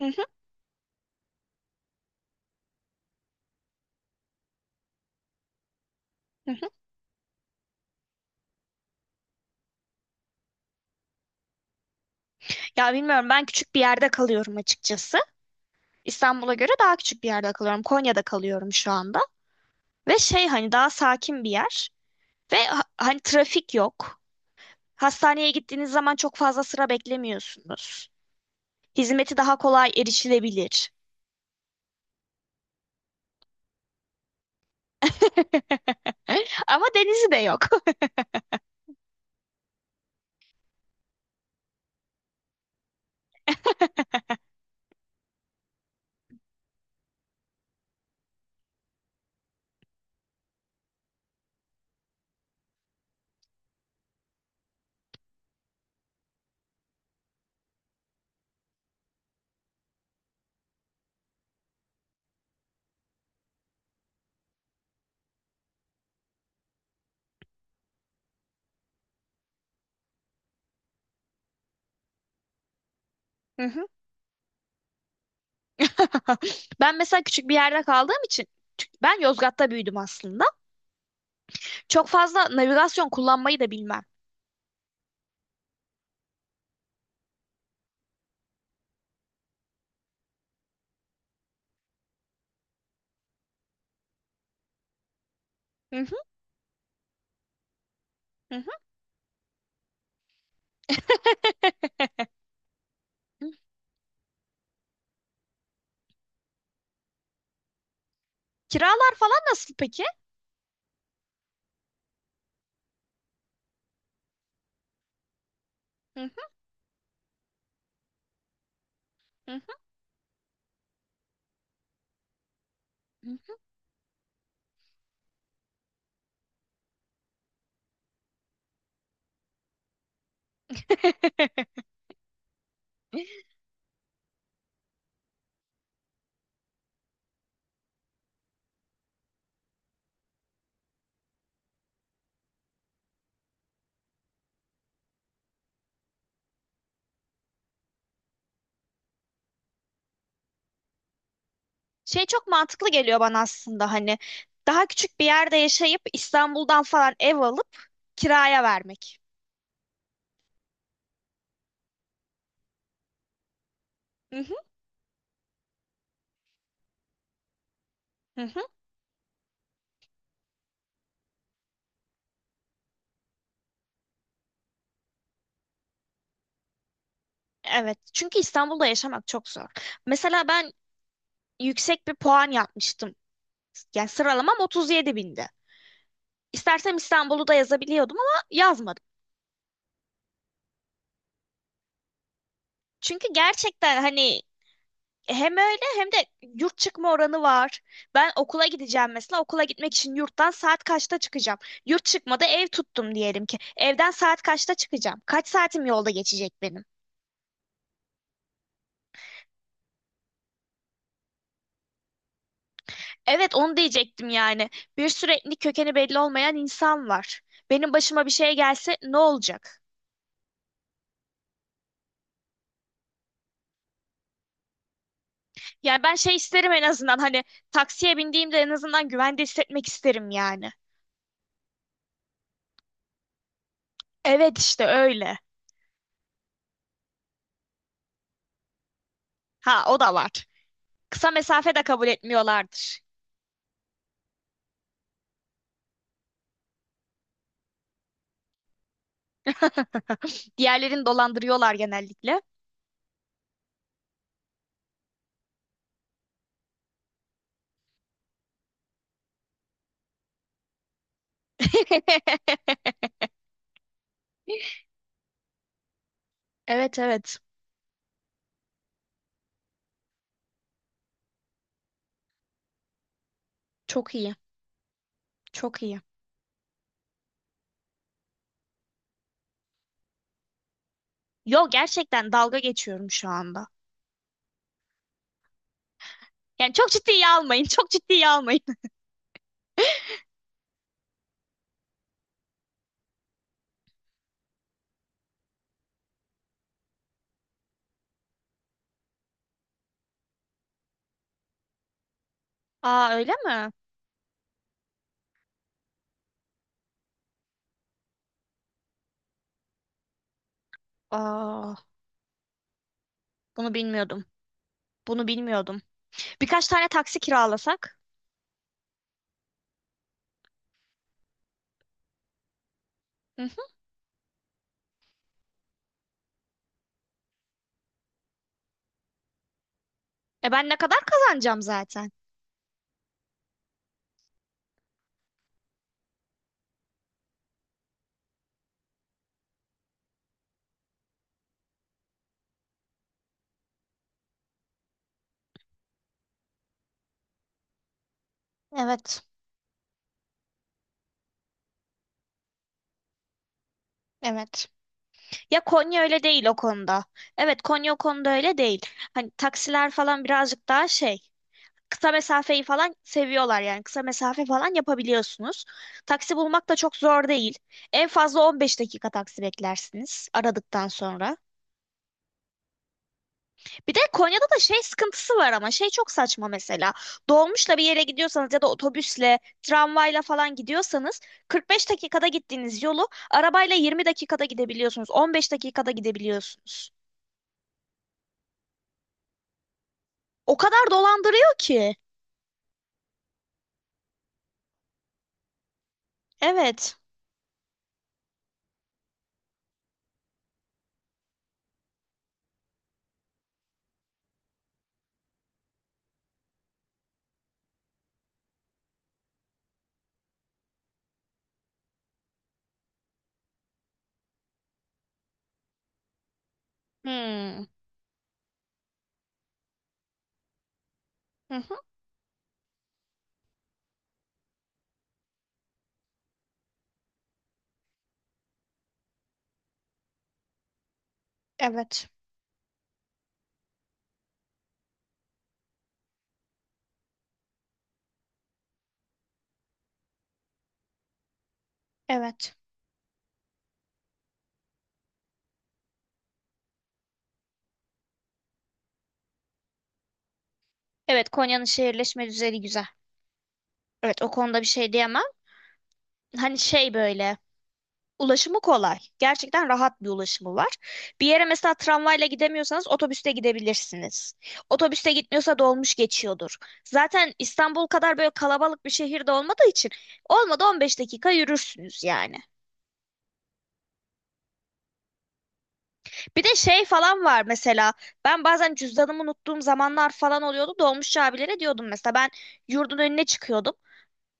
Hı hı, hı hı. Ya bilmiyorum ben küçük bir yerde kalıyorum açıkçası. İstanbul'a göre daha küçük bir yerde kalıyorum. Konya'da kalıyorum şu anda. Ve şey hani daha sakin bir yer. Ve hani trafik yok. Hastaneye gittiğiniz zaman çok fazla sıra beklemiyorsunuz. Hizmeti daha kolay erişilebilir. Ama denizi de yok. Hı hı. Ben mesela küçük bir yerde kaldığım için ben Yozgat'ta büyüdüm aslında. Çok fazla navigasyon kullanmayı da bilmem. Hı hı, hı hı. Kiralar falan nasıl peki? Hı hı, hı hı. Şey çok mantıklı geliyor bana aslında hani daha küçük bir yerde yaşayıp İstanbul'dan falan ev alıp kiraya vermek. Hı hı, hı hı. Evet, çünkü İstanbul'da yaşamak çok zor. Mesela ben yüksek bir puan yapmıştım. Yani sıralamam 37 bindi. İstersem İstanbul'u da yazabiliyordum ama yazmadım. Çünkü gerçekten hani hem öyle hem de yurt çıkma oranı var. Ben okula gideceğim mesela. Okula gitmek için yurttan saat kaçta çıkacağım? Yurt çıkmada ev tuttum diyelim ki. Evden saat kaçta çıkacağım? Kaç saatim yolda geçecek benim? Evet onu diyecektim yani. Bir sürü etnik kökeni belli olmayan insan var. Benim başıma bir şey gelse ne olacak? Yani ben şey isterim en azından hani taksiye bindiğimde en azından güvende hissetmek isterim yani. Evet işte öyle. Ha o da var. Kısa mesafe de kabul etmiyorlardır. Diğerlerini dolandırıyorlar genellikle. Evet evet. Çok iyi. Çok iyi. Yo gerçekten dalga geçiyorum şu anda. Yani çok ciddiye almayın. Çok ciddiye almayın. Aa öyle mi? Aa bunu bilmiyordum. Bunu bilmiyordum. Birkaç tane taksi kiralasak. Hı hı. E ben ne kadar kazanacağım zaten? Evet. Evet. Ya Konya öyle değil o konuda. Evet Konya o konuda öyle değil. Hani taksiler falan birazcık daha şey. Kısa mesafeyi falan seviyorlar yani. Kısa mesafe falan yapabiliyorsunuz. Taksi bulmak da çok zor değil. En fazla 15 dakika taksi beklersiniz aradıktan sonra. Bir de Konya'da da şey sıkıntısı var ama şey çok saçma mesela. Dolmuşla bir yere gidiyorsanız ya da otobüsle, tramvayla falan gidiyorsanız 45 dakikada gittiğiniz yolu arabayla 20 dakikada gidebiliyorsunuz. 15 dakikada gidebiliyorsunuz. O kadar dolandırıyor ki. Evet. Hmm. Hı hı. Evet. Evet. Evet Konya'nın şehirleşme düzeni güzel. Evet o konuda bir şey diyemem. Hani şey böyle ulaşımı kolay. Gerçekten rahat bir ulaşımı var. Bir yere mesela tramvayla gidemiyorsanız otobüste gidebilirsiniz. Otobüste gitmiyorsa dolmuş geçiyordur. Zaten İstanbul kadar böyle kalabalık bir şehirde olmadığı için olmadı 15 dakika yürürsünüz yani. Bir de şey falan var mesela. Ben bazen cüzdanımı unuttuğum zamanlar falan oluyordu. Dolmuşçu abilere diyordum mesela ben yurdun önüne çıkıyordum.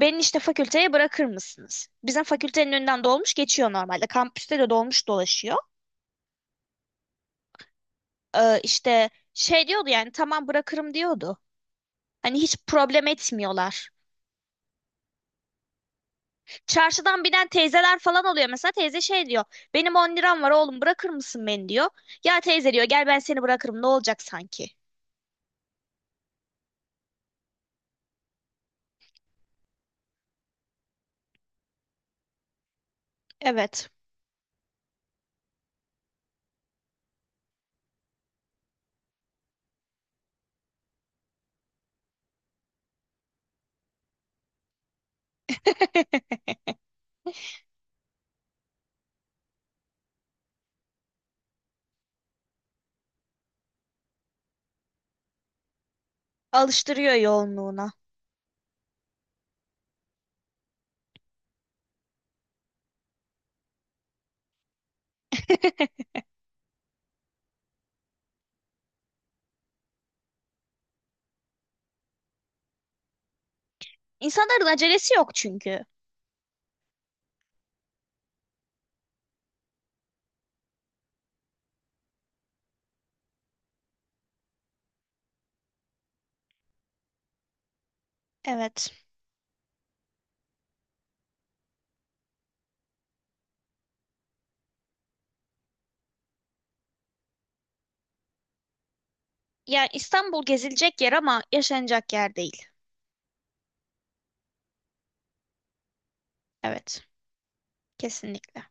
Beni işte fakülteye bırakır mısınız? Bizim fakültenin önünden dolmuş geçiyor normalde. Kampüste de dolmuş dolaşıyor. İşte şey diyordu yani tamam bırakırım diyordu. Hani hiç problem etmiyorlar. Çarşıdan binen teyzeler falan oluyor mesela. Teyze şey diyor. Benim 10 liram var oğlum bırakır mısın beni diyor. Ya teyze diyor gel ben seni bırakırım ne olacak sanki. Evet. Alıştırıyor yoğunluğuna. İnsanların acelesi yok çünkü. Evet. Yani İstanbul gezilecek yer ama yaşanacak yer değil. Evet. Kesinlikle.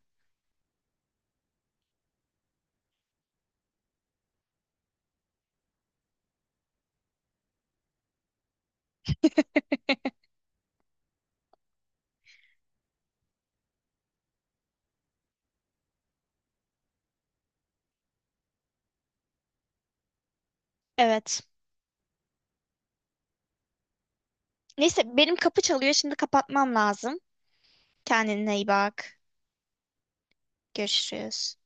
Evet. Neyse benim kapı çalıyor. Şimdi kapatmam lazım. Kendine iyi bak. Görüşürüz.